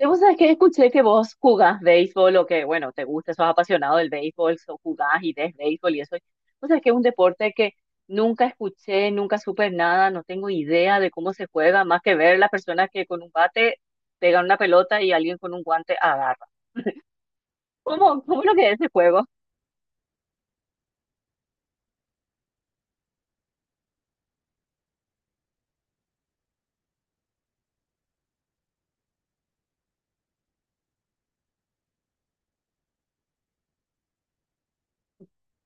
Yo, vos sabés que escuché que vos jugás béisbol o que te gusta, sos apasionado del béisbol, jugás y ves béisbol y eso. Vos sabés que es un deporte que nunca escuché, nunca supe nada, no tengo idea de cómo se juega, más que ver las personas que con un bate pegan una pelota y alguien con un guante agarra. ¿Cómo es lo que es ese juego? O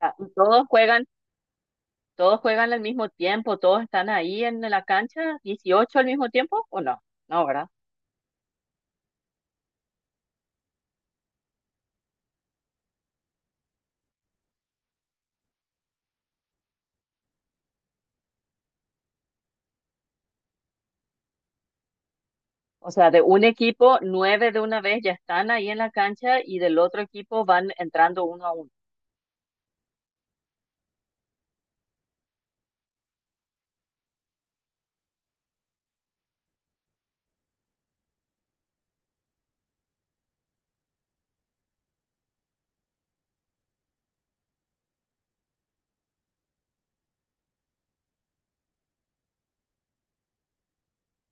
sea, todos juegan, todos juegan al mismo tiempo, todos están ahí en la cancha, 18 al mismo tiempo, ¿o no? No, ¿verdad? O sea, de un equipo, nueve de una vez ya están ahí en la cancha y del otro equipo van entrando uno a uno.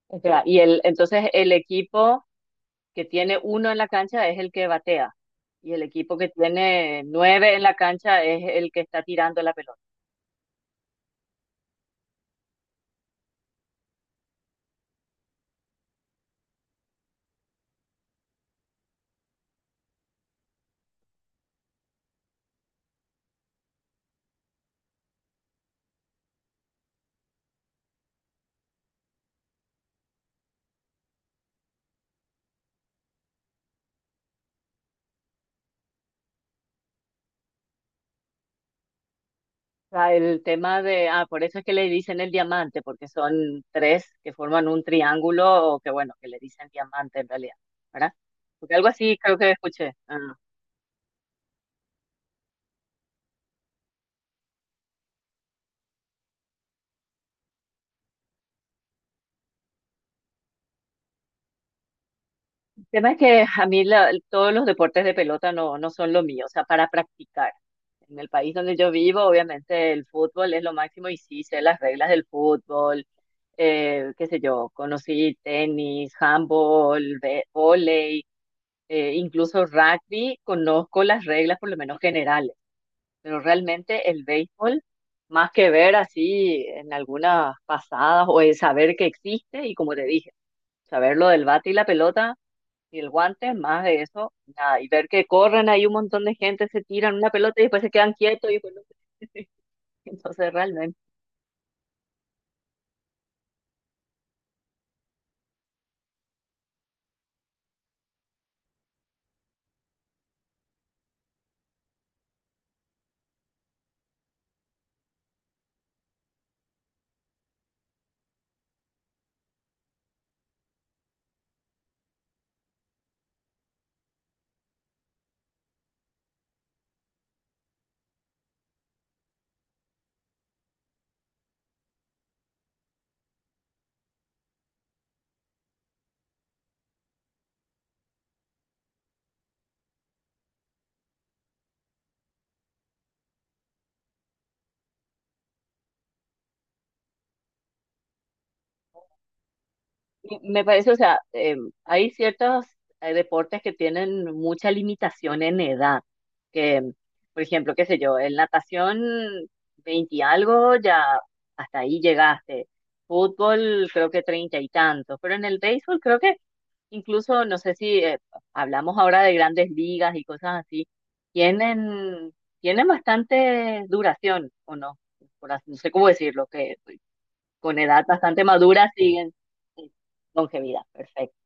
O sea, entonces el equipo que tiene uno en la cancha es el que batea y el equipo que tiene nueve en la cancha es el que está tirando la pelota. O sea, el tema de, por eso es que le dicen el diamante, porque son tres que forman un triángulo o que bueno, que le dicen diamante en realidad, ¿verdad? Porque algo así creo que escuché. Ah. El tema es que a mí todos los deportes de pelota no son lo mío, o sea, para practicar. En el país donde yo vivo, obviamente el fútbol es lo máximo y sí sé las reglas del fútbol, qué sé yo, conocí tenis, handball, vóley, incluso rugby, conozco las reglas por lo menos generales, pero realmente el béisbol, más que ver así en algunas pasadas o el saber que existe y como te dije, saber lo del bate y la pelota. Y el guante, más de eso, nada. Y ver que corren ahí un montón de gente, se tiran una pelota y después se quedan quietos y bueno, entonces realmente. Y me parece, o sea, hay ciertos deportes que tienen mucha limitación en edad, que, por ejemplo, qué sé yo, en natación 20 y algo, ya hasta ahí llegaste. Fútbol, creo que 30 y tantos, pero en el béisbol creo que incluso, no sé si hablamos ahora de grandes ligas y cosas así, tienen, tienen bastante duración, o no, no sé cómo decirlo, que con edad bastante madura siguen sí, longevidad, perfecto.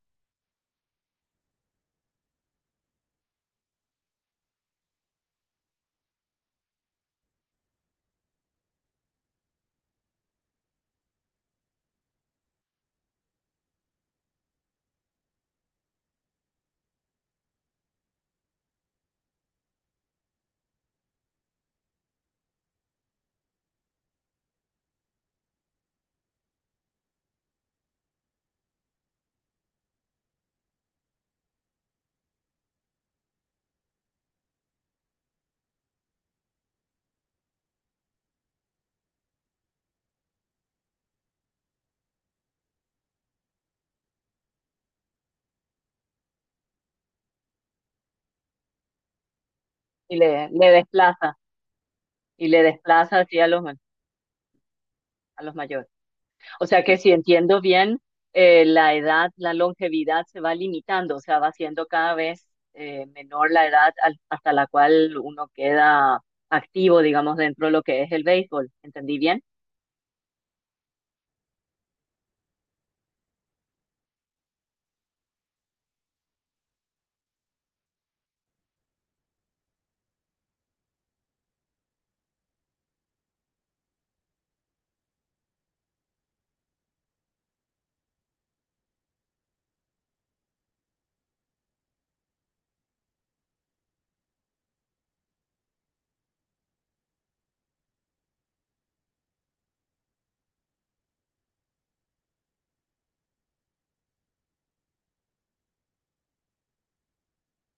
Le desplaza, y le desplaza así a a los mayores. O sea que si entiendo bien, la edad, la longevidad se va limitando, o sea, va siendo cada vez menor la edad hasta la cual uno queda activo, digamos, dentro de lo que es el béisbol. ¿Entendí bien?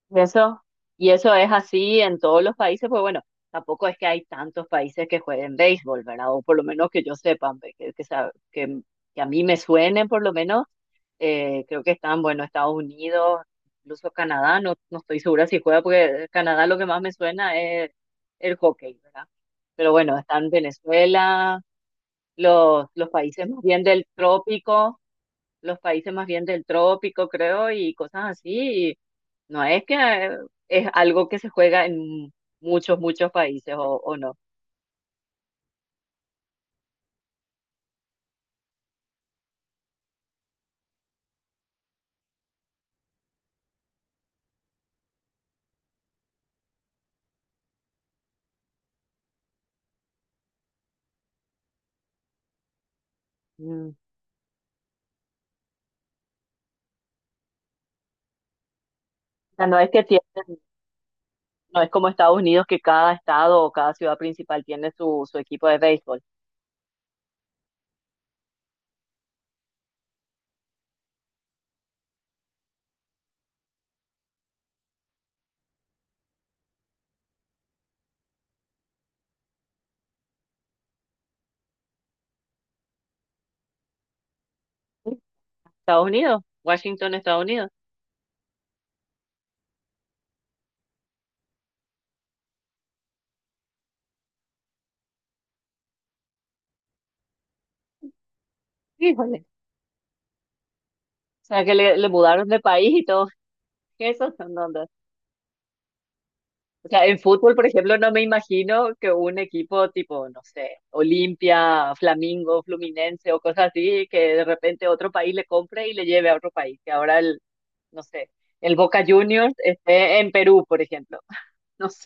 Y eso, y eso es así en todos los países, pues bueno, tampoco es que hay tantos países que jueguen béisbol, ¿verdad? O por lo menos que yo sepa, ve, que a mí me suenen por lo menos, creo que están, bueno, Estados Unidos, incluso Canadá, no estoy segura si juega, porque Canadá lo que más me suena es el hockey, ¿verdad? Pero bueno, están Venezuela, los países más bien del trópico, los países más bien del trópico, creo, y cosas así. Y no es que es algo que se juega en muchos países o no. Mm. O sea, no es que tienen, no es como Estados Unidos que cada estado o cada ciudad principal tiene su equipo de béisbol. Sí, Estados Unidos, Washington, Estados Unidos. Híjole. O sea, que le mudaron de país y todo eso. O sea, en fútbol, por ejemplo, no me imagino que un equipo tipo, no sé, Olimpia, Flamengo Fluminense o cosas así, que de repente otro país le compre y le lleve a otro país. Que ahora no sé, el Boca Juniors esté en Perú, por ejemplo. No sé.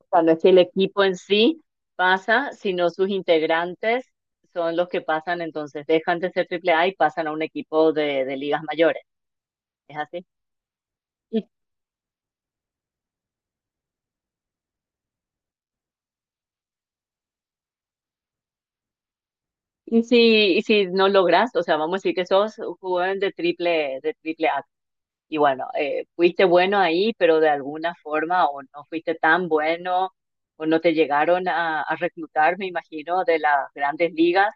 O sea, no es que el equipo en sí pasa, sino sus integrantes son los que pasan, entonces dejan de ser triple A y pasan a un equipo de ligas mayores. ¿Es así? Y si no logras, o sea, vamos a decir que sos un jugador de triple A. Y bueno, fuiste bueno ahí, pero de alguna forma o no fuiste tan bueno o no te llegaron a reclutar, me imagino, de las grandes ligas,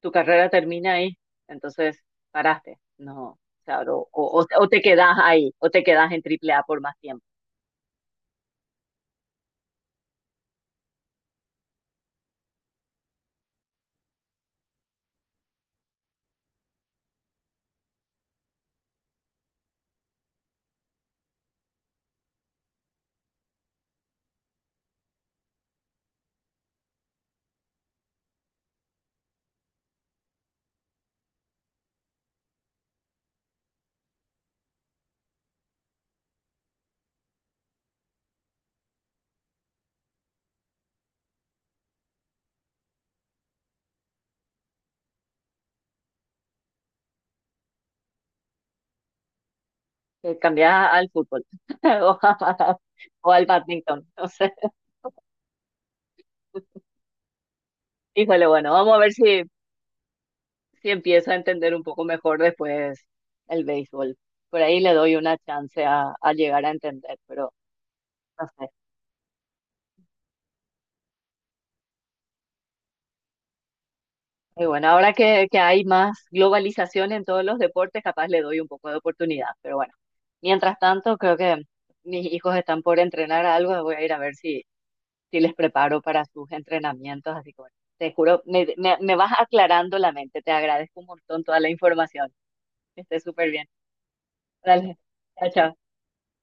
tu carrera termina ahí. Entonces, paraste. No, claro, o te quedas ahí, o te quedas en triple A por más tiempo. Te cambiás al fútbol o, a- o al badminton. No sé. Híjole, bueno, vamos a ver si, si empiezo a entender un poco mejor después el béisbol. Por ahí le doy una chance a llegar a entender, pero no sé. Y bueno, ahora que hay más globalización en todos los deportes, capaz le doy un poco de oportunidad, pero bueno. Mientras tanto, creo que mis hijos están por entrenar algo, voy a ir a ver si, si les preparo para sus entrenamientos, así que bueno, te juro, me vas aclarando la mente, te agradezco un montón toda la información, que estés súper bien. Dale, chao, chao.